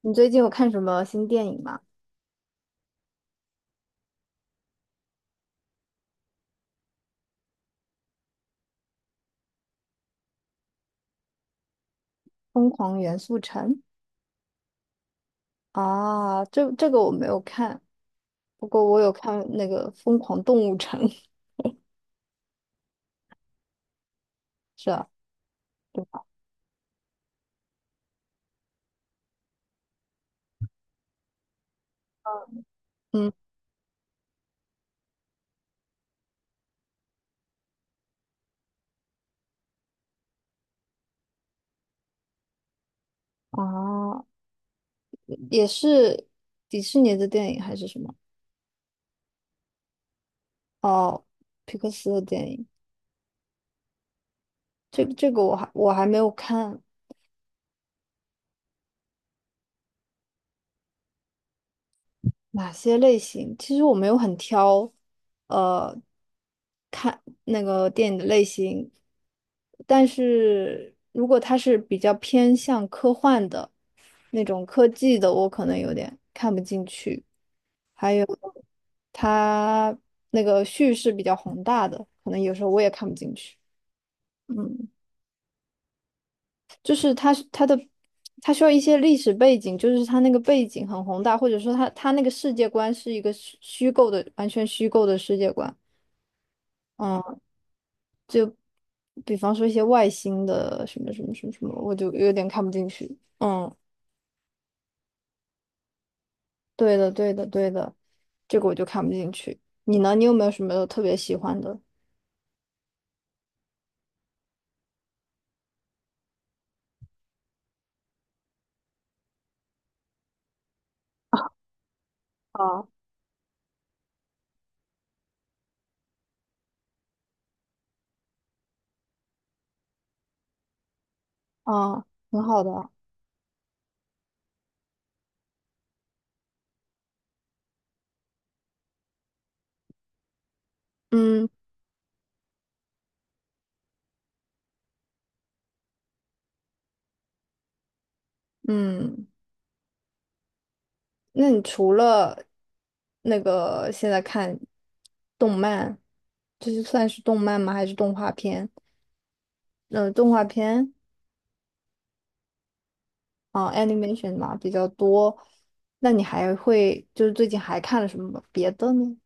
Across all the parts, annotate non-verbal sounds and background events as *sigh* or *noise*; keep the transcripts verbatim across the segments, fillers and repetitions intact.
你最近有看什么新电影吗？《疯狂元素城》啊，这这个我没有看，不过我有看那个《疯狂动物城》。*laughs* 是吧？嗯，啊，也是迪士尼的电影还是什么？哦，皮克斯的电影。这这个我还我还没有看哪些类型，其实我没有很挑，呃。那个电影的类型，但是如果它是比较偏向科幻的那种科技的，我可能有点看不进去。还有它那个叙事比较宏大的，可能有时候我也看不进去。嗯，就是它是它的它需要一些历史背景，就是它那个背景很宏大，或者说它它那个世界观是一个虚虚构的，完全虚构的世界观。嗯。比方说一些外星的什么什么什么什么，我就有点看不进去。嗯，对的，对的，对的，这个我就看不进去。你呢？你有没有什么特别喜欢的？啊，啊，挺好的。嗯，嗯，那你除了那个现在看动漫，这就算是动漫吗？还是动画片？呃，动画片啊，animation 嘛比较多。那你还会就是最近还看了什么别的呢？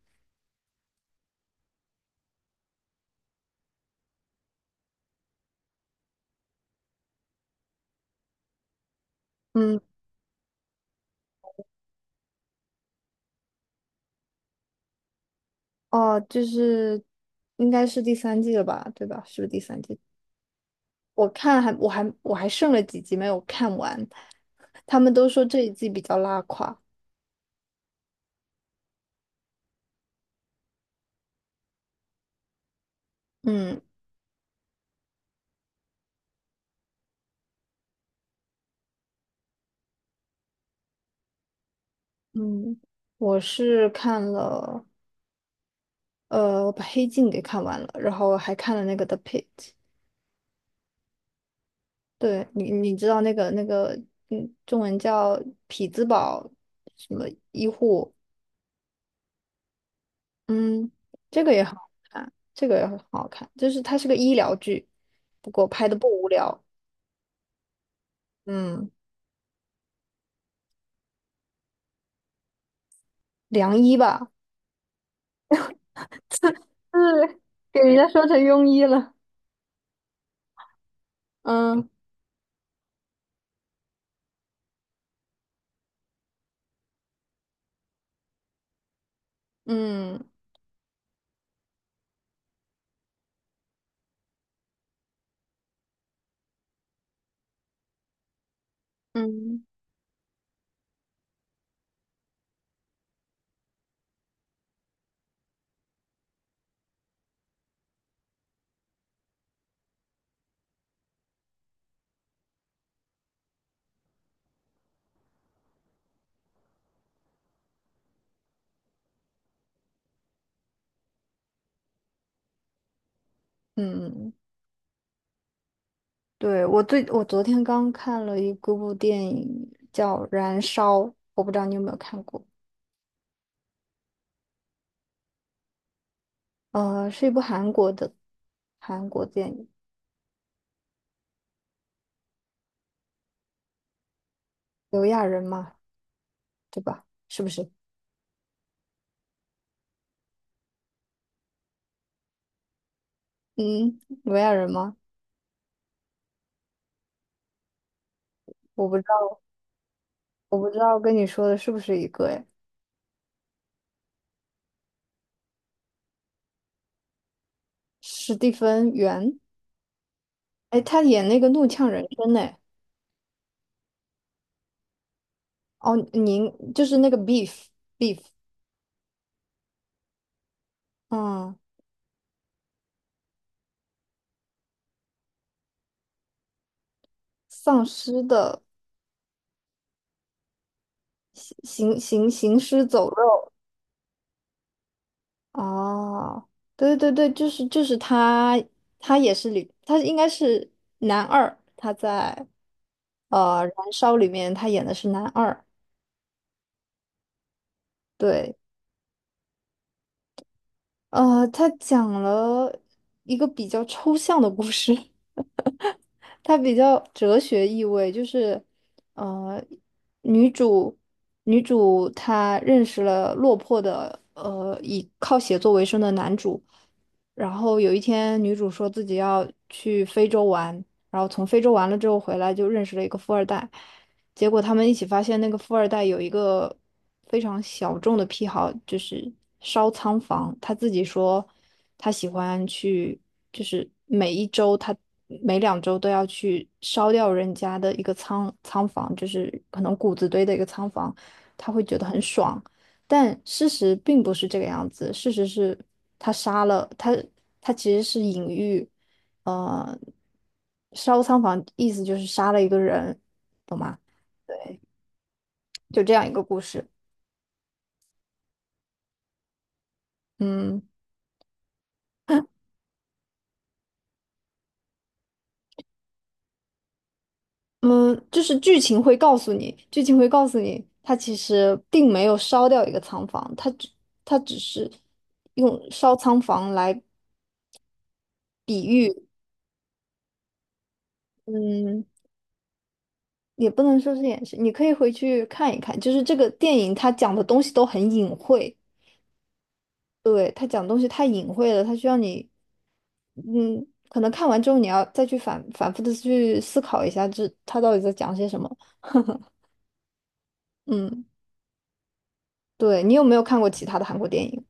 嗯。哦，就是应该是第三季了吧，对吧？是不是第三季？我看还我还我还剩了几集没有看完，他们都说这一季比较拉垮。嗯，嗯，我是看了，呃，我把《黑镜》给看完了，然后还看了那个《The Pitt》。对，你，你知道那个那个，嗯，中文叫匹兹堡什么医护？嗯，这个也很好看，这个也很好看，就是它是个医疗剧，不过拍的不无聊。嗯，良医吧，是给人家说成庸医了。嗯。 *laughs* 嗯，嗯，嗯，对，我最我昨天刚看了一个部电影叫《燃烧》，我不知道你有没有看过，呃，是一部韩国的韩国电影，刘亚仁嘛，对吧？是不是？嗯，刘亚仁吗？我不知道，我不知道跟你说的是不是一个？哎，史蒂芬·元，哎，他演那个《怒呛人生》呢。哦，您就是那个 beef beef,嗯，丧尸的行行行行尸走肉。哦，对对对，就是就是他，他也是里，他应该是男二，他在呃《燃烧》里面他演的是男二，对，呃，他讲了一个比较抽象的故事。*laughs* 它比较哲学意味，就是，呃，女主女主她认识了落魄的呃以靠写作为生的男主，然后有一天，女主说自己要去非洲玩，然后从非洲玩了之后回来，就认识了一个富二代。结果他们一起发现，那个富二代有一个非常小众的癖好，就是烧仓房。他自己说，他喜欢去，就是每一周他每两周都要去烧掉人家的一个仓仓房，就是可能谷子堆的一个仓房，他会觉得很爽。但事实并不是这个样子，事实是他杀了他，他其实是隐喻，呃，烧仓房意思就是杀了一个人嘛，就这样一个故事。嗯，嗯，就是剧情会告诉你，剧情会告诉你，他其实并没有烧掉一个仓房，他只他只是用烧仓房来比喻，嗯。也不能说是掩饰，你可以回去看一看，就是这个电影它讲的东西都很隐晦，对，他讲东西太隐晦了，他需要你，嗯，可能看完之后你要再去反反复的去思考一下这，他到底在讲些什么。嗯，对，你有没有看过其他的韩国电影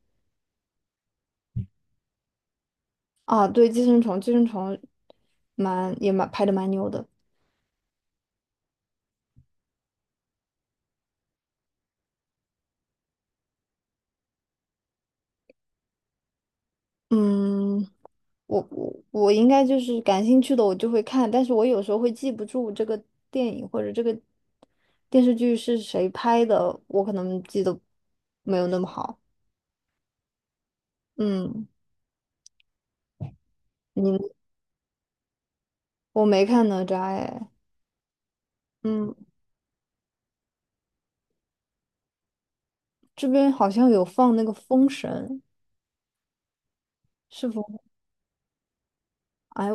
啊？对，《寄生虫》，《寄生虫》蛮也蛮拍的蛮牛的。嗯，我我我应该就是感兴趣的我就会看，但是我有时候会记不住这个电影或者这个电视剧是谁拍的，我可能记得没有那么好。嗯，你我没看哪吒哎。嗯，这边好像有放那个《封神》，是否？哎，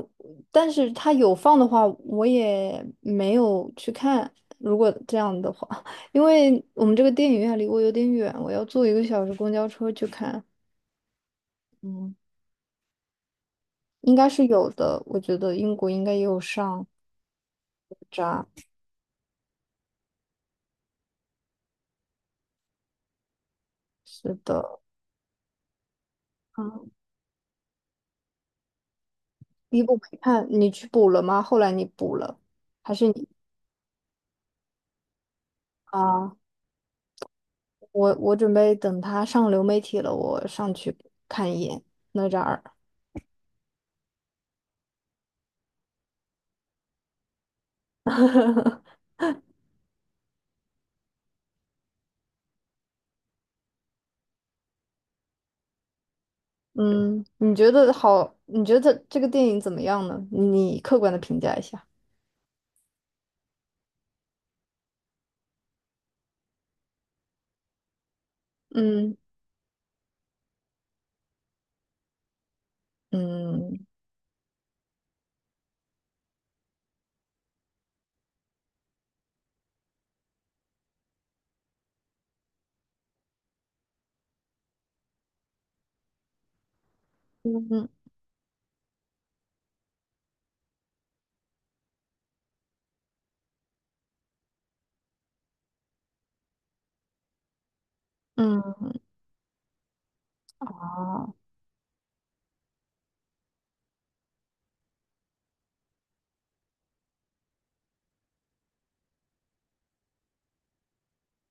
但是他有放的话，我也没有去看。如果这样的话，*laughs* 因为我们这个电影院离我有点远，我要坐一个小时公交车去看。嗯，应该是有的，我觉得英国应该也有上扎。是的，嗯，第一部没看，你去补了吗？后来你补了，还是你啊？我我准备等他上流媒体了，我上去看一眼哪吒二。*laughs* 嗯，你觉得好？你觉得这个电影怎么样呢？你客观的评价一下。嗯，嗯，嗯，嗯，好，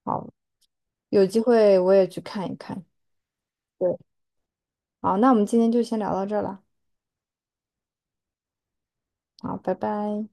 好，有机会我也去看一看。对，好，那我们今天就先聊到这儿了。好，拜拜。